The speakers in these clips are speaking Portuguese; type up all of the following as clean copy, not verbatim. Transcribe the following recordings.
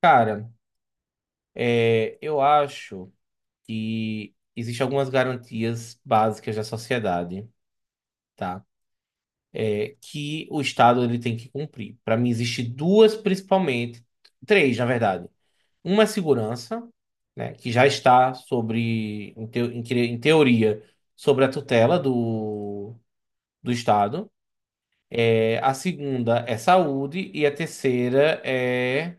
Cara, eu acho que existem algumas garantias básicas da sociedade, tá? Que o Estado ele tem que cumprir. Para mim, existem duas principalmente, três, na verdade. Uma é segurança, né, que já está sobre, em teoria, sobre a tutela do, do Estado. É, a segunda é saúde e a terceira é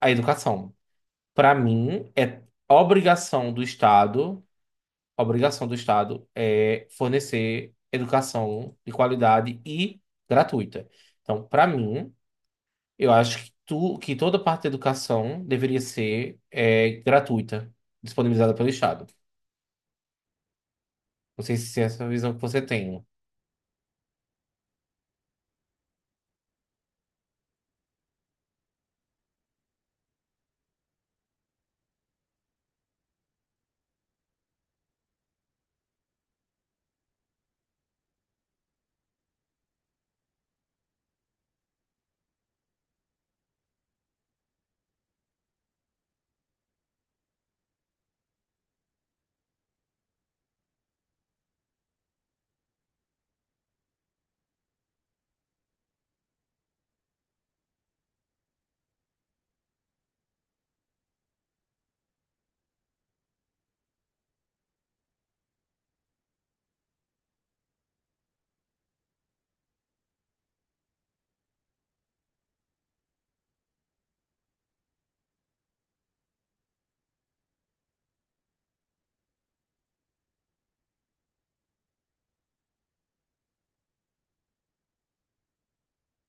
a educação. Para mim, é obrigação do Estado a obrigação do Estado é fornecer educação de qualidade e gratuita. Então, para mim, eu acho que toda parte da educação deveria ser gratuita, disponibilizada pelo Estado. Não sei se é essa a visão que você tem.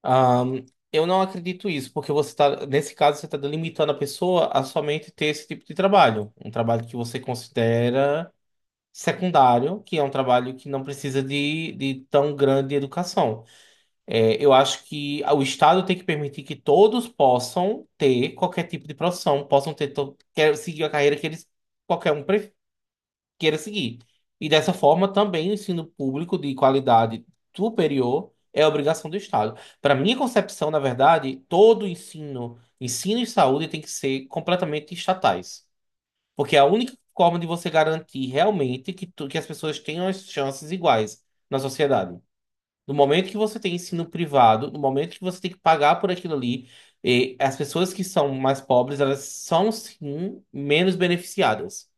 Ahn, eu não acredito isso, porque você tá, nesse caso, você está delimitando a pessoa a somente ter esse tipo de trabalho, um trabalho que você considera secundário, que é um trabalho que não precisa de tão grande educação. É, eu acho que o Estado tem que permitir que todos possam ter qualquer tipo de profissão, possam ter to- quer seguir a carreira que eles qualquer um pre- queira seguir. E dessa forma, também o ensino público de qualidade superior é obrigação do Estado. Para minha concepção, na verdade, todo ensino, ensino e saúde tem que ser completamente estatais, porque é a única forma de você garantir realmente que as pessoas tenham as chances iguais na sociedade. No momento que você tem ensino privado, no momento que você tem que pagar por aquilo ali, as pessoas que são mais pobres, elas são sim menos beneficiadas.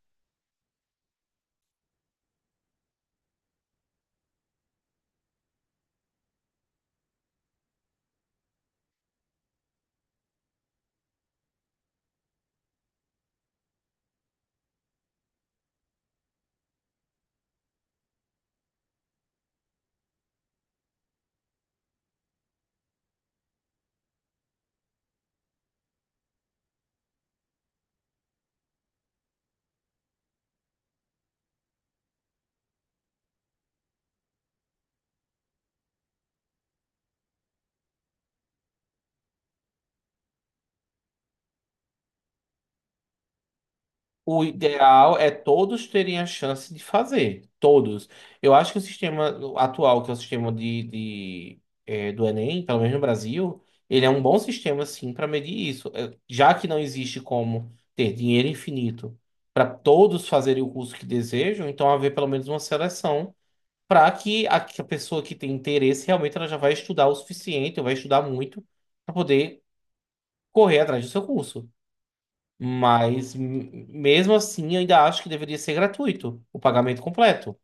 O ideal é todos terem a chance de fazer, todos. Eu acho que o sistema atual, que é o sistema do Enem, pelo menos no Brasil, ele é um bom sistema sim para medir isso. Eh, já que não existe como ter dinheiro infinito para todos fazerem o curso que desejam, então haver pelo menos uma seleção para que a pessoa que tem interesse realmente ela já vai estudar o suficiente, ou vai estudar muito, para poder correr atrás do seu curso. Mesmo assim, eu ainda acho que deveria ser gratuito o pagamento completo.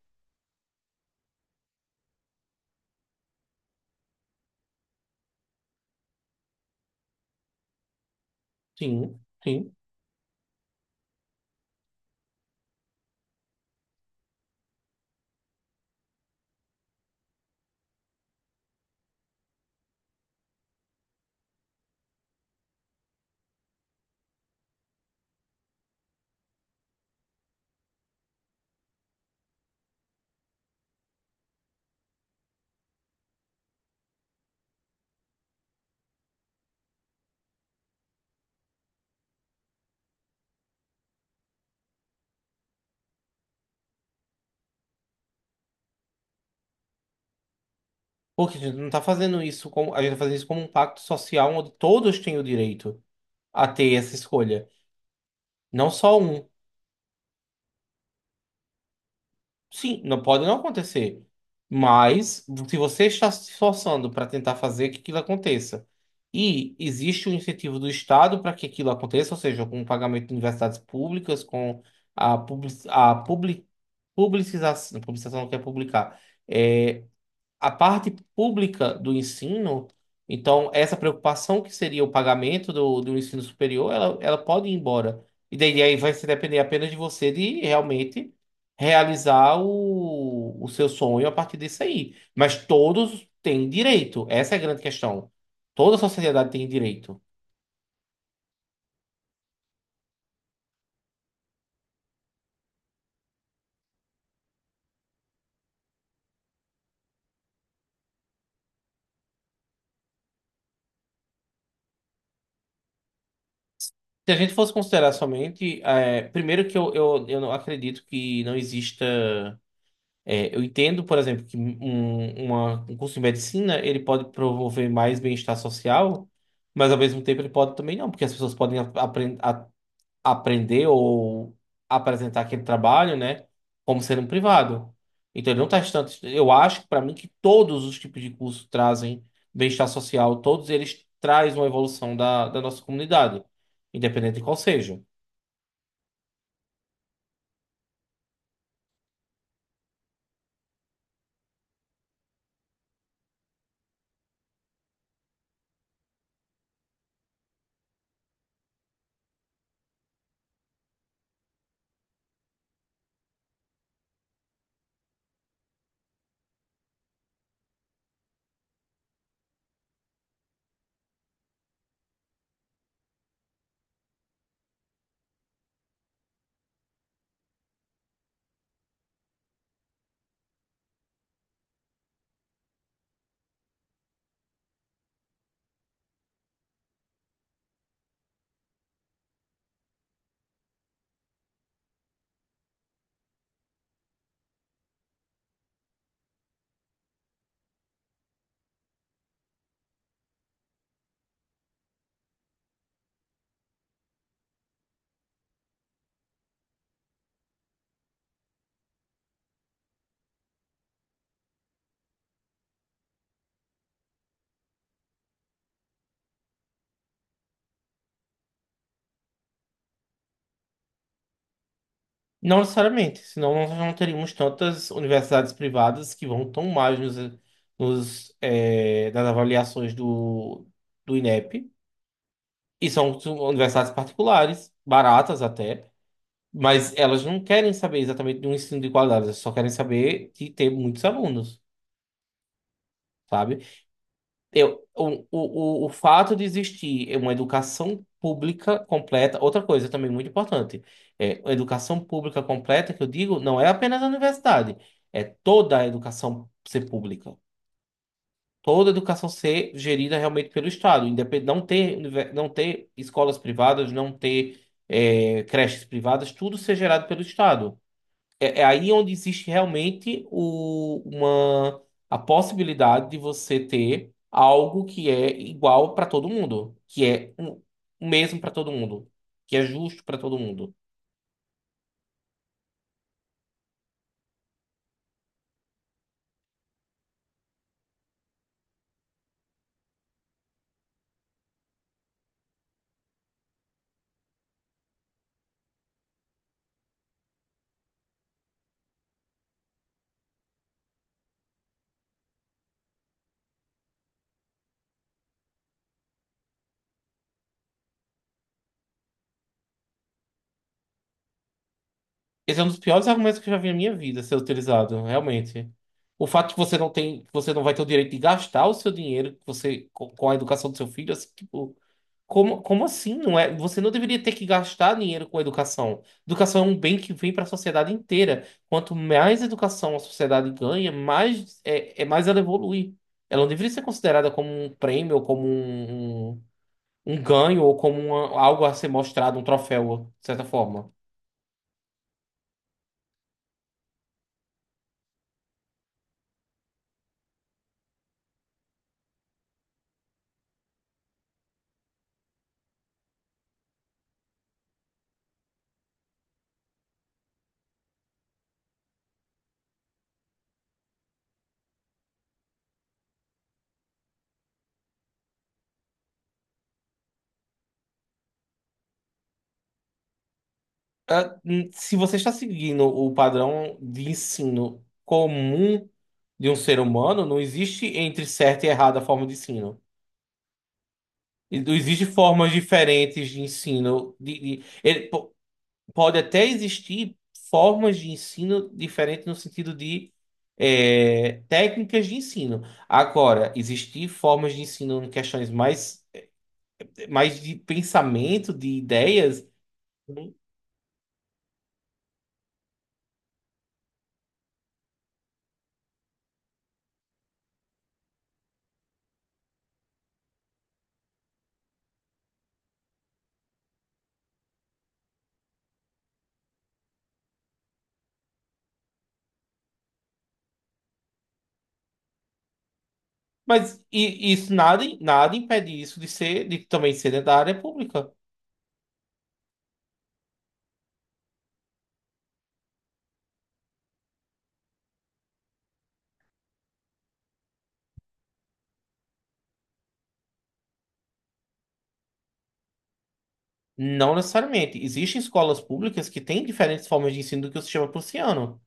Sim, sim. Porque a gente não está fazendo isso como, a gente tá fazendo isso como um pacto social onde todos têm o direito a ter essa escolha, não só um. Sim, não pode não acontecer. Mas se você está se esforçando para tentar fazer que aquilo aconteça e existe o incentivo do Estado para que aquilo aconteça, ou seja, com o pagamento de universidades públicas, com a, public, a public, publicização, publicização não quer publicar, é, a parte pública do ensino, então essa preocupação que seria o pagamento do, do ensino superior, ela pode ir embora. E daí aí vai se depender apenas de você de realmente realizar o seu sonho a partir disso aí. Mas todos têm direito, essa é a grande questão. Toda a sociedade tem direito. Se a gente fosse considerar somente, primeiro que eu não acredito que não exista. É, eu entendo, por exemplo, um curso de medicina ele pode promover mais bem-estar social, mas ao mesmo tempo ele pode também não, porque as pessoas podem aprender ou apresentar aquele trabalho, né, como sendo um privado. Então ele não está distante. Eu acho, para mim, que todos os tipos de curso trazem bem-estar social, todos eles trazem uma evolução da, da nossa comunidade, independente de qual seja. Não necessariamente, senão nós não teríamos tantas universidades privadas que vão tão mais nas avaliações do, do INEP. E são universidades particulares, baratas até, mas elas não querem saber exatamente de um ensino de qualidade, elas só querem saber de ter muitos alunos, sabe? Eu, o fato de existir uma educação pública completa, outra coisa também muito importante, é a educação pública completa, que eu digo, não é apenas a universidade, é toda a educação ser pública, toda a educação ser gerida realmente pelo Estado, não ter, não ter escolas privadas, não ter creches privadas, tudo ser gerado pelo Estado. É aí onde existe realmente a possibilidade de você ter algo que é igual para todo mundo, que é o mesmo para todo mundo, que é justo para todo mundo. Esse é um dos piores argumentos que eu já vi na minha vida ser utilizado, realmente. O fato de que você não vai ter o direito de gastar o seu dinheiro com a educação do seu filho, assim, tipo, como, como assim? Não é, você não deveria ter que gastar dinheiro com educação. Educação é um bem que vem para a sociedade inteira. Quanto mais educação a sociedade ganha, é mais ela evolui. Ela não deveria ser considerada como um prêmio, ou como um ganho, ou como algo a ser mostrado, um troféu, de certa forma. Ah, hum. Se você está seguindo o padrão de ensino comum de um ser humano, não existe entre certo e errado a forma de ensino. Existem formas diferentes de ensino. Pode até existir formas de ensino diferentes no sentido de técnicas de ensino. Agora, existir formas de ensino em questões mais, mais de pensamento, de ideias. Uhum. Mas isso nada, nada impede isso de ser, de também ser dentro da área pública. Não necessariamente. Existem escolas públicas que têm diferentes formas de ensino do que o sistema prussiano.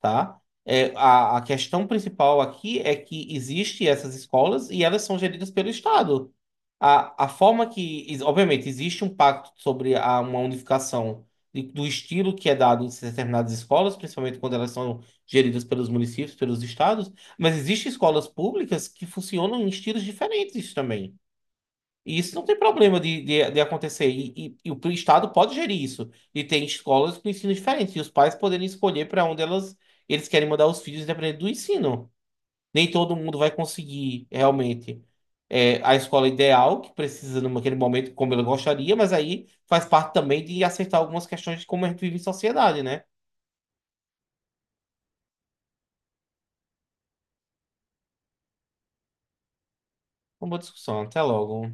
Tá? É, a questão principal aqui é que existe essas escolas e elas são geridas pelo Estado. A forma que, obviamente, existe um pacto sobre a, uma unificação do estilo que é dado em determinadas escolas, principalmente quando elas são geridas pelos municípios, pelos estados, mas existem escolas públicas que funcionam em estilos diferentes também. E isso não tem problema de acontecer. E o Estado pode gerir isso. E tem escolas com ensino diferente. E os pais poderem escolher para onde elas, eles querem mandar os filhos, dependendo do ensino. Nem todo mundo vai conseguir realmente a escola ideal, que precisa naquele momento, como ele gostaria, mas aí faz parte também de acertar algumas questões de como a gente vive em sociedade, né? Uma boa discussão. Até logo.